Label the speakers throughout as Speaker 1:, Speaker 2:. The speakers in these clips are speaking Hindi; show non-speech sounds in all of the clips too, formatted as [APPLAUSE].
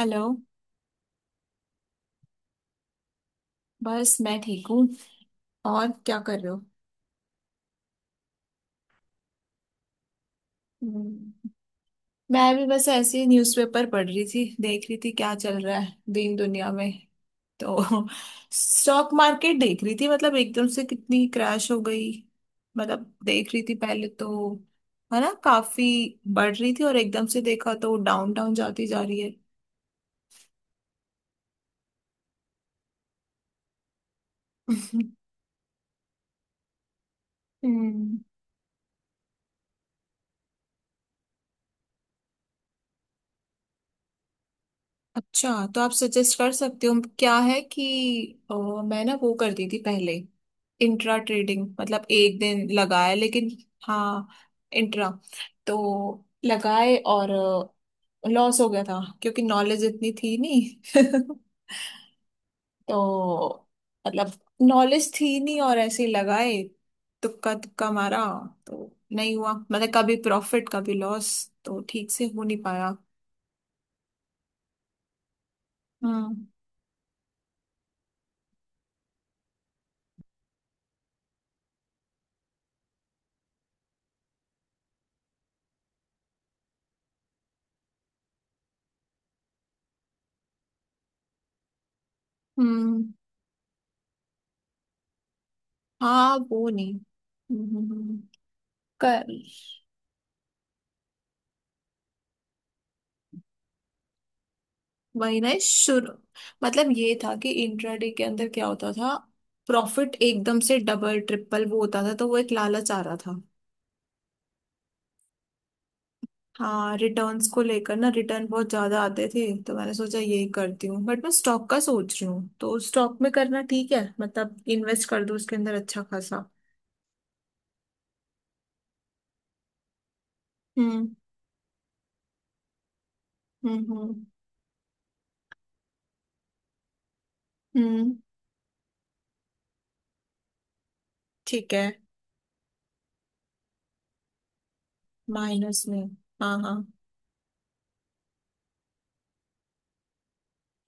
Speaker 1: हेलो। बस मैं ठीक हूँ। और क्या कर रहे हो? हम्म, मैं भी बस ऐसे ही न्यूज़पेपर पढ़ रही थी, देख रही थी क्या चल रहा है दीन दुनिया में। तो [LAUGHS] स्टॉक मार्केट देख रही थी, मतलब एकदम से कितनी क्रैश हो गई। मतलब देख रही थी पहले तो है ना काफी बढ़ रही थी, और एकदम से देखा तो डाउन डाउन जाती जा रही है। [LAUGHS] हम्म। अच्छा, तो आप सजेस्ट कर सकते हो? क्या है कि अ, मैं ना वो करती थी पहले, इंट्रा ट्रेडिंग, मतलब एक दिन लगाया लेकिन। हाँ, इंट्रा। तो लगाए और लॉस हो गया था क्योंकि नॉलेज इतनी थी नहीं [LAUGHS] तो मतलब नॉलेज थी नहीं और ऐसे ही लगाए, तुक्का तुक्का मारा। तो नहीं हुआ, मतलब कभी प्रॉफिट कभी लॉस, तो ठीक से हो नहीं पाया। हम्म। हम्म। हाँ वो नहीं। कर वही ना शुरू, मतलब ये था कि इंट्राडे के अंदर क्या होता था, प्रॉफिट एकदम से डबल ट्रिपल वो होता था, तो वो एक लालच आ रहा था। हाँ, रिटर्न्स को लेकर ना, रिटर्न बहुत ज्यादा आते थे तो मैंने सोचा यही करती हूँ, बट मैं स्टॉक का सोच रही हूँ, तो स्टॉक में करना ठीक है, मतलब इन्वेस्ट कर दूँ उसके अंदर अच्छा खासा। हम्म। हम्म। हम्म। हम्म, ठीक है। माइनस में? हाँ हाँ।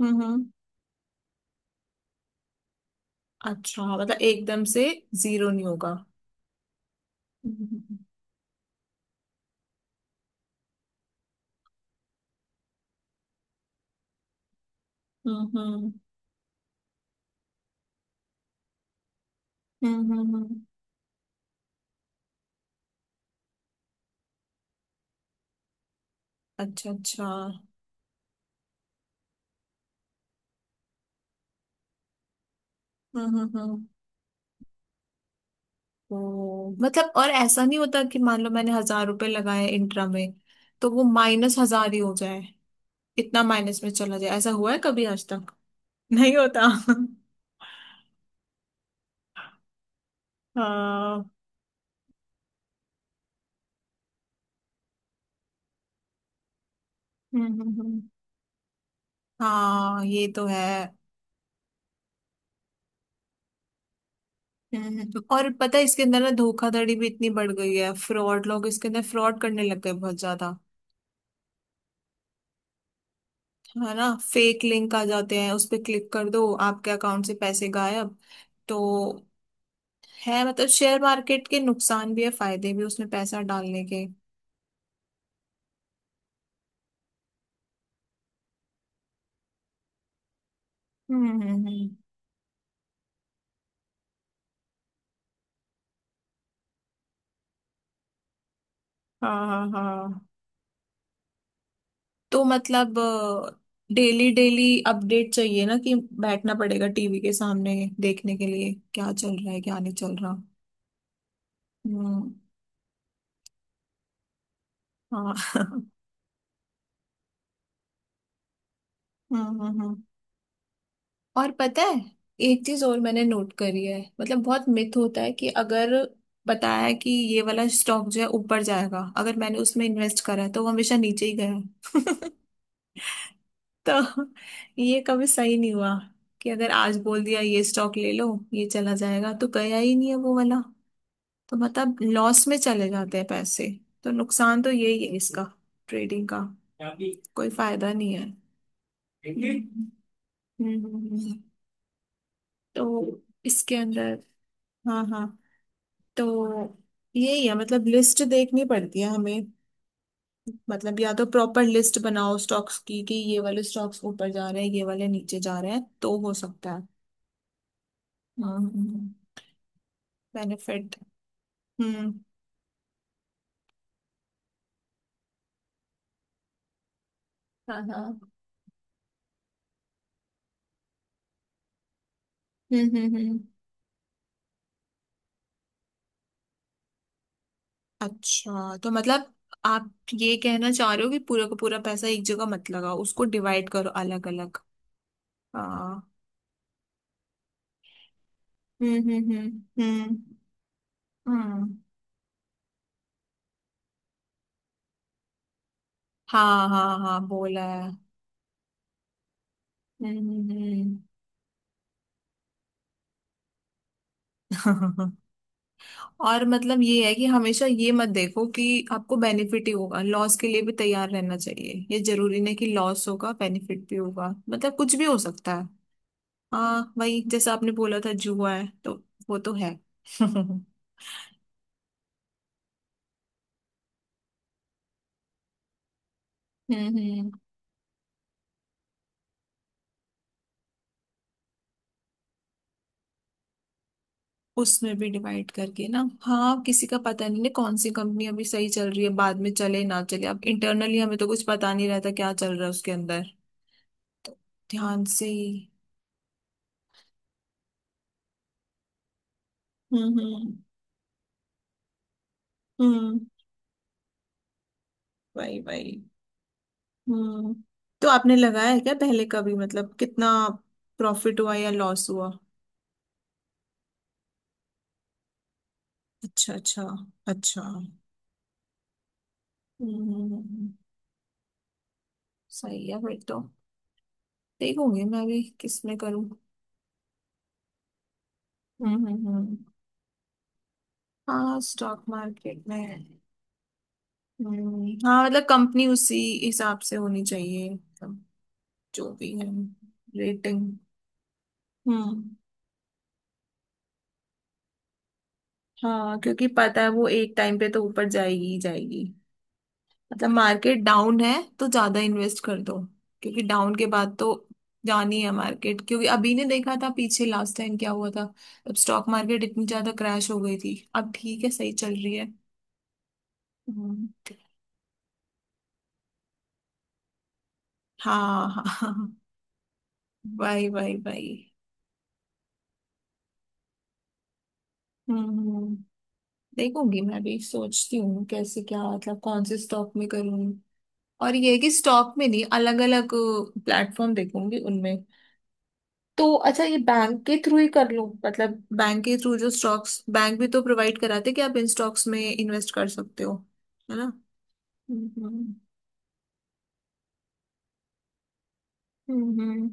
Speaker 1: हम्म। हम्म। अच्छा, मतलब एकदम से जीरो नहीं होगा। हम्म। हम्म। हम्म। हम्म। अच्छा अच्छा। हम्म। हम्म। हम्म। ओ मतलब, और ऐसा नहीं होता कि मान लो मैंने हजार रुपए लगाए इंट्रा में, तो वो माइनस हजार ही हो जाए? इतना माइनस में चला जाए, ऐसा हुआ है कभी आज तक? [LAUGHS] नहीं होता। हाँ। हम्म हम्म हम्म। हाँ ये तो है। और पता है, इसके अंदर ना धोखाधड़ी भी इतनी बढ़ गई है, फ्रॉड लोग इसके अंदर फ्रॉड करने लग गए बहुत ज्यादा। है ना? फेक लिंक आ जाते हैं, उस पर क्लिक कर दो, आपके अकाउंट से पैसे गायब। तो है, मतलब शेयर मार्केट के नुकसान भी है फायदे भी उसमें पैसा डालने के। हम्म हम्म हम्म। हाँ हाँ हाँ। तो मतलब डेली डेली अपडेट चाहिए ना, कि बैठना पड़ेगा टीवी के सामने, देखने के लिए क्या चल रहा है क्या नहीं चल रहा। हम्म। हाँ [LAUGHS] हम्म। और पता है, एक चीज और मैंने नोट करी है, मतलब बहुत मिथ होता है कि अगर बताया कि ये वाला स्टॉक जो है ऊपर जाएगा, अगर मैंने उसमें इन्वेस्ट करा है, तो वो हमेशा नीचे ही गया है। [LAUGHS] तो ये कभी सही नहीं हुआ कि अगर आज बोल दिया ये स्टॉक ले लो, ये चला जाएगा, तो गया ही नहीं है वो वाला। तो मतलब लॉस में चले जाते हैं पैसे। तो नुकसान तो यही है इसका, ट्रेडिंग का। कोई फायदा नहीं है। हम्म। हम्म, हम्म, हम्म। तो इसके अंदर, हाँ हाँ, तो यही है मतलब लिस्ट देखनी पड़ती है हमें, मतलब या तो प्रॉपर लिस्ट बनाओ स्टॉक्स की कि ये वाले स्टॉक्स ऊपर जा रहे हैं, ये वाले नीचे जा रहे हैं, तो हो सकता है। हाँ, बेनिफिट। हम्म। हाँ हाँ। हम्म। अच्छा, तो मतलब आप ये कहना चाह रहे हो कि पूरा का पूरा पैसा एक जगह मत लगाओ, उसको डिवाइड करो अलग अलग। हाँ। हम्म। हम्म। हम्म। हाँ हाँ हाँ, बोला है। हम्म। [LAUGHS] और मतलब ये है कि हमेशा ये मत देखो कि आपको बेनिफिट ही होगा, लॉस के लिए भी तैयार रहना चाहिए, ये जरूरी नहीं कि लॉस होगा, बेनिफिट भी होगा, मतलब कुछ भी हो सकता है। हाँ, वही जैसे आपने बोला था जुआ है, तो वो तो है [LAUGHS] हम्म। हम्म, उसमें भी डिवाइड करके ना। हाँ किसी का पता नहीं ना, कौन सी कंपनी अभी सही चल रही है, बाद में चले ना चले, अब इंटरनली हमें तो कुछ पता नहीं रहता क्या चल रहा है उसके अंदर। तो ध्यान से ही। हम्म। हम्म, भाई भाई। हम्म, तो आपने लगाया है क्या पहले कभी, मतलब कितना प्रॉफिट हुआ या लॉस हुआ? अच्छा अच्छा। अच्छा। हम्म। सही है फिर तो। देखूंगी मैं भी किस में करूं। हम्म हम्म हम्म। हाँ स्टॉक मार्केट में। हम्म, हाँ मतलब कंपनी उसी हिसाब से होनी चाहिए, मतलब जो भी है, रेटिंग। हम्म। हाँ क्योंकि पता है वो एक टाइम पे तो ऊपर जाएगी ही जाएगी, मतलब मार्केट डाउन है, तो ज्यादा इन्वेस्ट कर दो, क्योंकि डाउन के बाद तो जानी है मार्केट, क्योंकि अभी ने देखा था पीछे, लास्ट टाइम क्या हुआ था, अब स्टॉक मार्केट इतनी ज्यादा क्रैश हो गई थी, अब ठीक है सही चल रही है। हम्म, हाँ हाँ हाँ। भाई भाई भाई। हम्म हम्म, देखूंगी मैं भी, सोचती हूँ कैसे क्या, मतलब कौन से स्टॉक में करूँ। और ये है कि स्टॉक में नहीं, अलग अलग प्लेटफॉर्म देखूंगी उनमें। तो अच्छा, ये बैंक के थ्रू ही कर लूं मतलब, बैंक के थ्रू जो स्टॉक्स, बैंक भी तो प्रोवाइड कराते हैं कि आप इन स्टॉक्स में इन्वेस्ट कर सकते हो, है ना? हम्म। हम्म।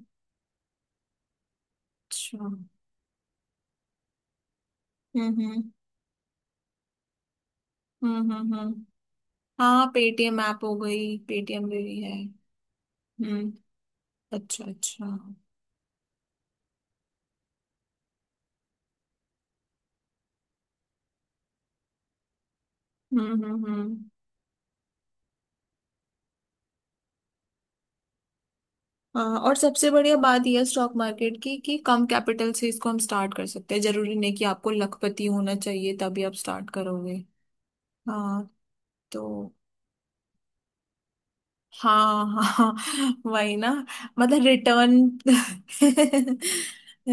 Speaker 1: अच्छा। हम्म हम्म हम्म हम्म। हाँ, पेटीएम ऐप हो गई, पेटीएम भी है। हम्म। अच्छा अच्छा। हम्म। हाँ, और सबसे बढ़िया बात यह है स्टॉक मार्केट की, कि कम कैपिटल से इसको हम स्टार्ट कर सकते हैं, जरूरी नहीं कि आपको लखपति होना चाहिए तभी आप स्टार्ट करोगे। हाँ। तो हाँ हाँ [LAUGHS] वही ना, मतलब रिटर्न,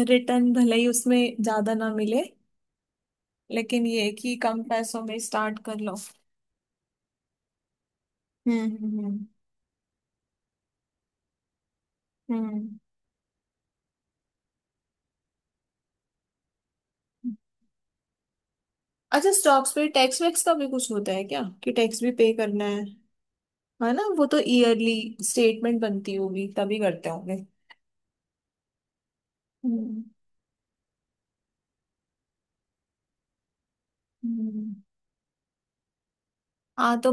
Speaker 1: रिटर्न [LAUGHS] भले ही उसमें ज्यादा ना मिले, लेकिन ये है कि कम पैसों में स्टार्ट कर लो। हम्म हम्म हम्म। हम्म। अच्छा, स्टॉक्स पे टैक्स वैक्स का भी कुछ होता है क्या, कि टैक्स भी पे करना है? है ना, वो तो ईयरली स्टेटमेंट बनती होगी तभी करते होंगे। हम्म हम्म। हाँ तो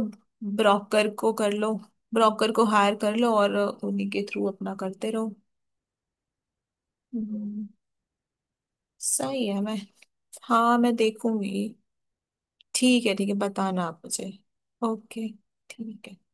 Speaker 1: ब्रोकर को कर लो, ब्रोकर को हायर कर लो और उन्हीं के थ्रू अपना करते रहो। हम्म, सही है। मैं, हाँ मैं देखूंगी। ठीक है ठीक है, बताना आप मुझे। ओके। ठीक है।